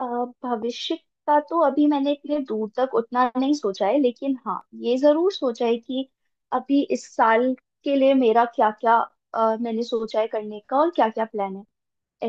अ, भविष्य का तो अभी मैंने इतने दूर तक उतना नहीं सोचा है लेकिन हाँ ये जरूर सोचा है कि अभी इस साल के लिए मेरा क्या क्या मैंने सोचा है करने का और क्या क्या प्लान है।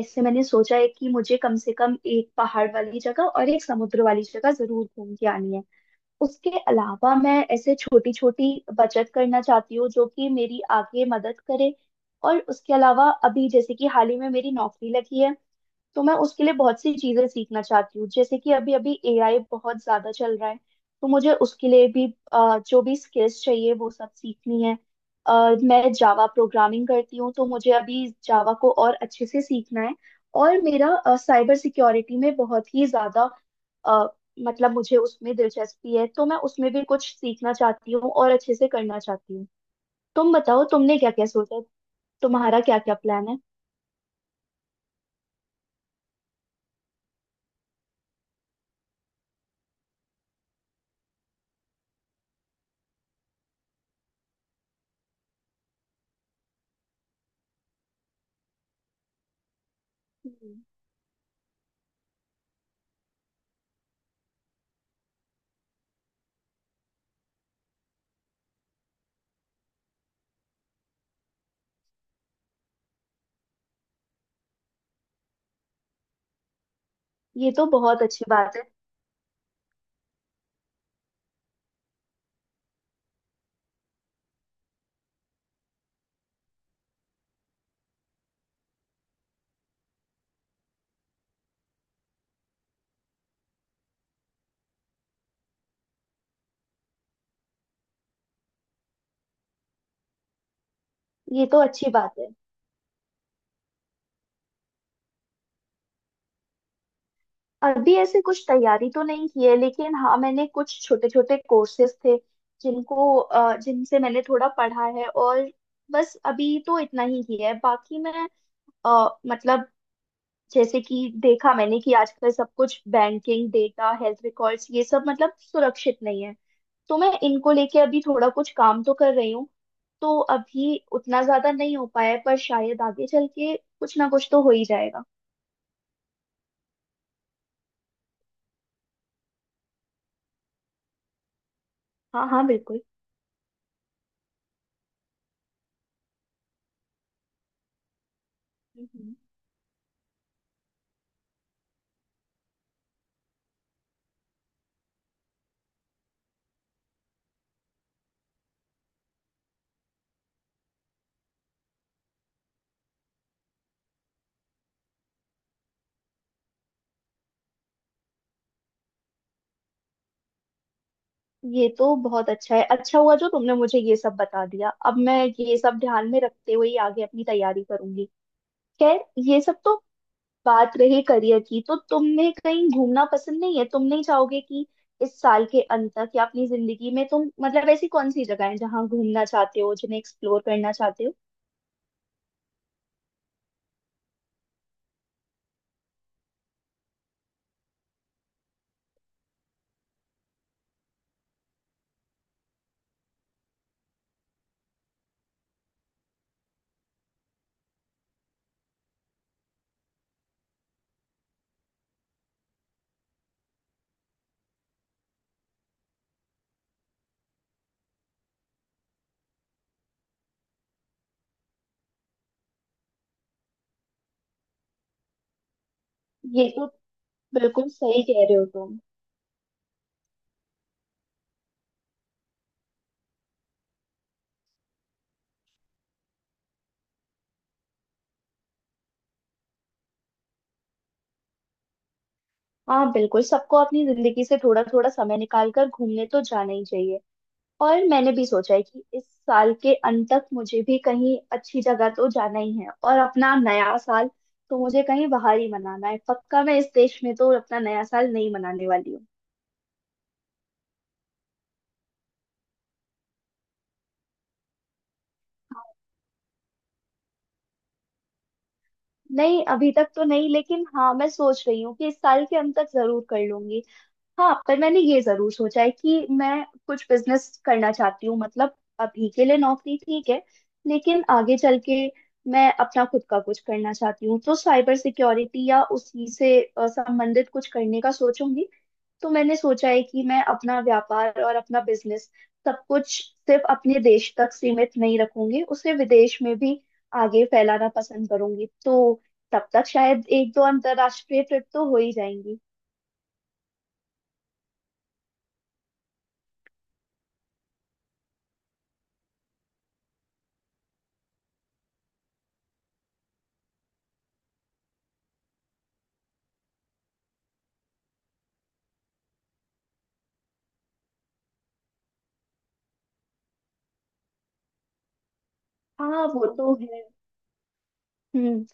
ऐसे मैंने सोचा है कि मुझे कम से कम एक पहाड़ वाली जगह और एक समुद्र वाली जगह जरूर घूम के आनी है। उसके अलावा मैं ऐसे छोटी छोटी बचत करना चाहती हूँ जो कि मेरी आगे मदद करे। और उसके अलावा अभी जैसे कि हाल ही में मेरी नौकरी लगी है तो मैं उसके लिए बहुत सी चीजें सीखना चाहती हूँ, जैसे कि अभी अभी एआई बहुत ज्यादा चल रहा है तो मुझे उसके लिए भी जो भी स्किल्स चाहिए वो सब सीखनी है। मैं जावा प्रोग्रामिंग करती हूँ तो मुझे अभी जावा को और अच्छे से सीखना है। और मेरा साइबर सिक्योरिटी में बहुत ही ज्यादा अ, मतलब मुझे उसमें दिलचस्पी है तो मैं उसमें भी कुछ सीखना चाहती हूँ और अच्छे से करना चाहती हूँ। तुम बताओ तुमने क्या क्या सोचा, तुम्हारा क्या क्या प्लान है। हम्म। ये तो बहुत अच्छी बात है। ये तो अच्छी बात है। अभी ऐसे कुछ तैयारी तो नहीं की है, लेकिन हाँ मैंने कुछ छोटे छोटे कोर्सेज थे जिनको जिनसे मैंने थोड़ा पढ़ा है, और बस अभी तो इतना ही किया है। बाकी मैं मतलब जैसे कि देखा मैंने कि आजकल सब कुछ बैंकिंग डेटा हेल्थ रिकॉर्ड्स ये सब मतलब सुरक्षित नहीं है, तो मैं इनको लेके अभी थोड़ा कुछ काम तो कर रही हूँ। तो अभी उतना ज्यादा नहीं हो पाया है, पर शायद आगे चल के कुछ ना कुछ तो हो ही जाएगा। हाँ हाँ बिल्कुल। ये तो बहुत अच्छा है, अच्छा हुआ जो तुमने मुझे ये सब बता दिया। अब मैं ये सब ध्यान में रखते हुए ही आगे अपनी तैयारी करूंगी। खैर, ये सब तो बात रही करियर की। तो तुम्हें कहीं घूमना पसंद नहीं है, तुम नहीं चाहोगे कि इस साल के अंत तक या अपनी जिंदगी में तुम मतलब ऐसी कौन सी जगह है जहाँ घूमना चाहते हो जिन्हें एक्सप्लोर करना चाहते हो। ये तो बिल्कुल सही कह रहे हो तुम। हाँ बिल्कुल, सबको अपनी जिंदगी से थोड़ा थोड़ा समय निकाल कर घूमने तो जाना ही चाहिए। और मैंने भी सोचा है कि इस साल के अंत तक मुझे भी कहीं अच्छी जगह तो जाना ही है, और अपना नया साल तो मुझे कहीं बाहर ही मनाना है। पक्का मैं इस देश में तो अपना नया साल नहीं मनाने वाली हूँ। नहीं, अभी तक तो नहीं, लेकिन हाँ मैं सोच रही हूँ कि इस साल के अंत तक जरूर कर लूंगी। हाँ, पर मैंने ये जरूर सोचा है कि मैं कुछ बिजनेस करना चाहती हूँ। मतलब अभी के लिए नौकरी ठीक है, लेकिन आगे चल के मैं अपना खुद का कुछ करना चाहती हूँ, तो साइबर सिक्योरिटी या उसी से संबंधित कुछ करने का सोचूंगी। तो मैंने सोचा है कि मैं अपना व्यापार और अपना बिजनेस सब कुछ सिर्फ अपने देश तक सीमित नहीं रखूंगी, उसे विदेश में भी आगे फैलाना पसंद करूंगी। तो तब तक शायद एक दो अंतरराष्ट्रीय ट्रिप तो हो ही जाएंगी। हाँ वो तो है। हम्म।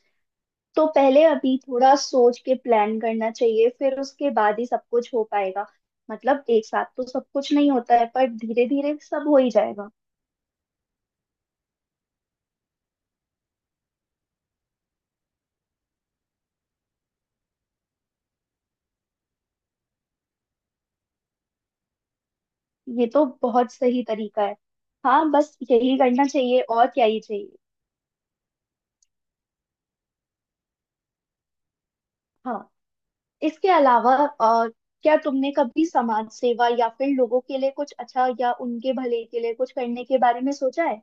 तो पहले अभी थोड़ा सोच के प्लान करना चाहिए, फिर उसके बाद ही सब कुछ हो पाएगा। मतलब एक साथ तो सब कुछ नहीं होता है, पर धीरे धीरे सब हो ही जाएगा। ये तो बहुत सही तरीका है। हाँ बस यही करना चाहिए, और क्या ही चाहिए। हाँ। इसके अलावा क्या तुमने कभी समाज सेवा या फिर लोगों के लिए कुछ अच्छा या उनके भले के लिए कुछ करने के बारे में सोचा है,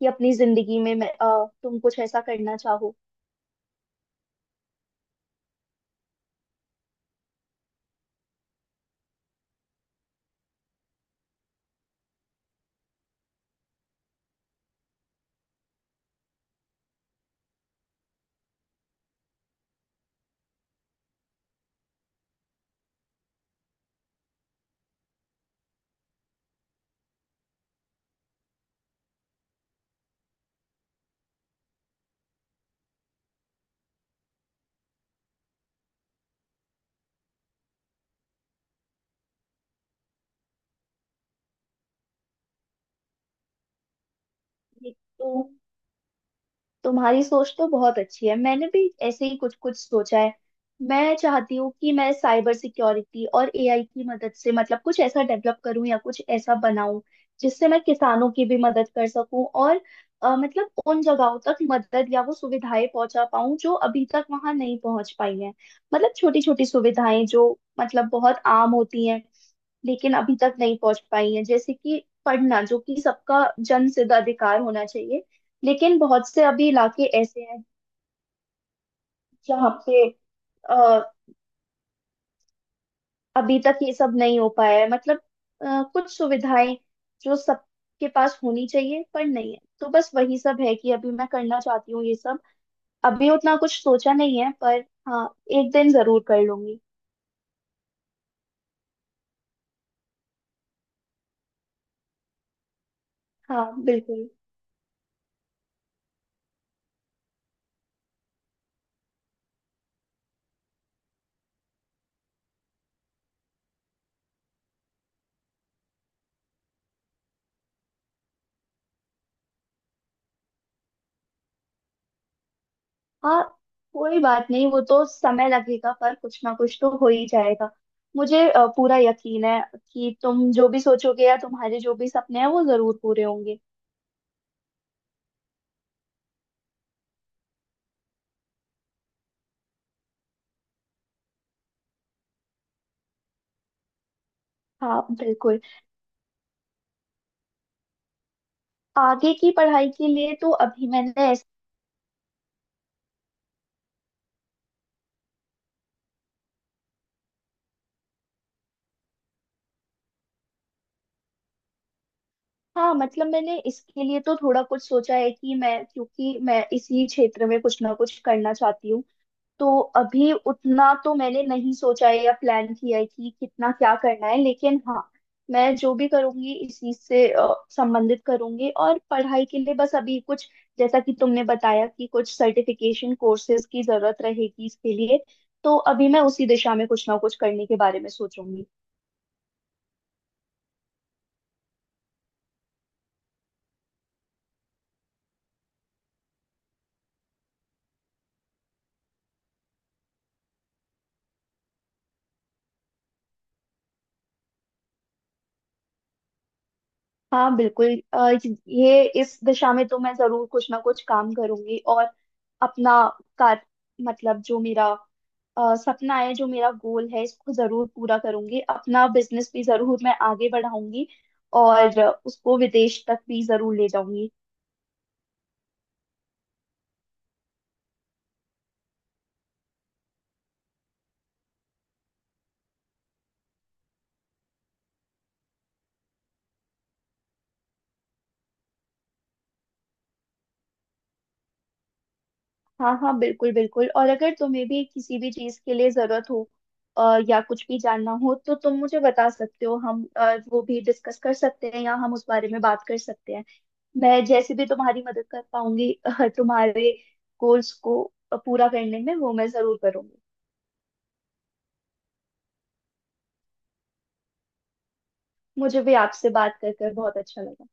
कि अपनी जिंदगी में मैं, तुम कुछ ऐसा करना चाहो। ये तो तुम्हारी सोच तो बहुत अच्छी है। मैंने भी ऐसे ही कुछ कुछ सोचा है। मैं चाहती हूँ कि मैं साइबर सिक्योरिटी और एआई की मदद से मतलब कुछ ऐसा डेवलप करूँ या कुछ ऐसा बनाऊं जिससे मैं किसानों की भी मदद कर सकूं, और मतलब उन जगहों तक मदद या वो सुविधाएं पहुंचा पाऊं जो अभी तक वहां नहीं पहुंच पाई हैं। मतलब छोटी छोटी सुविधाएं जो मतलब बहुत आम होती हैं लेकिन अभी तक नहीं पहुंच पाई है, जैसे कि पढ़ना, जो कि सबका जन सिद्ध अधिकार होना चाहिए। लेकिन बहुत से अभी इलाके ऐसे हैं जहाँ पे अ, अभी तक ये सब नहीं हो पाया है। मतलब कुछ सुविधाएं जो सबके पास होनी चाहिए पर नहीं है, तो बस वही सब है कि अभी मैं करना चाहती हूँ ये सब। अभी उतना कुछ सोचा नहीं है, पर हाँ, एक दिन जरूर कर लूंगी। हाँ बिल्कुल। हाँ, कोई बात नहीं, वो तो समय लगेगा, पर कुछ ना कुछ तो हो ही जाएगा। मुझे पूरा यकीन है कि तुम जो भी सोचोगे या तुम्हारे जो भी सपने हैं वो जरूर पूरे होंगे। हाँ बिल्कुल। आगे की पढ़ाई के लिए तो अभी मैंने हाँ, मतलब मैंने इसके लिए तो थोड़ा कुछ सोचा है कि मैं, क्योंकि मैं इसी क्षेत्र में कुछ ना कुछ करना चाहती हूँ, तो अभी उतना तो मैंने नहीं सोचा है या प्लान किया है कि कितना क्या करना है। लेकिन हाँ, मैं जो भी करूंगी इस चीज से संबंधित करूंगी। और पढ़ाई के लिए बस अभी कुछ, जैसा कि तुमने बताया कि कुछ सर्टिफिकेशन कोर्सेज की जरूरत रहेगी इसके लिए, तो अभी मैं उसी दिशा में कुछ ना कुछ करने के बारे में सोचूंगी। हाँ बिल्कुल। ये इस दिशा में तो मैं जरूर कुछ ना कुछ काम करूंगी, और अपना कार मतलब जो मेरा सपना है, जो मेरा गोल है, इसको जरूर पूरा करूंगी। अपना बिजनेस भी जरूर मैं आगे बढ़ाऊंगी और उसको विदेश तक भी जरूर ले जाऊंगी। हाँ हाँ बिल्कुल बिल्कुल। और अगर तुम्हें भी किसी भी चीज के लिए जरूरत हो या कुछ भी जानना हो तो तुम मुझे बता सकते हो। हम वो भी डिस्कस कर सकते हैं या हम उस बारे में बात कर सकते हैं। मैं जैसे भी तुम्हारी मदद कर पाऊंगी तुम्हारे गोल्स को पूरा करने में, वो मैं जरूर करूंगी। मुझे भी आपसे बात कर कर बहुत अच्छा लगा।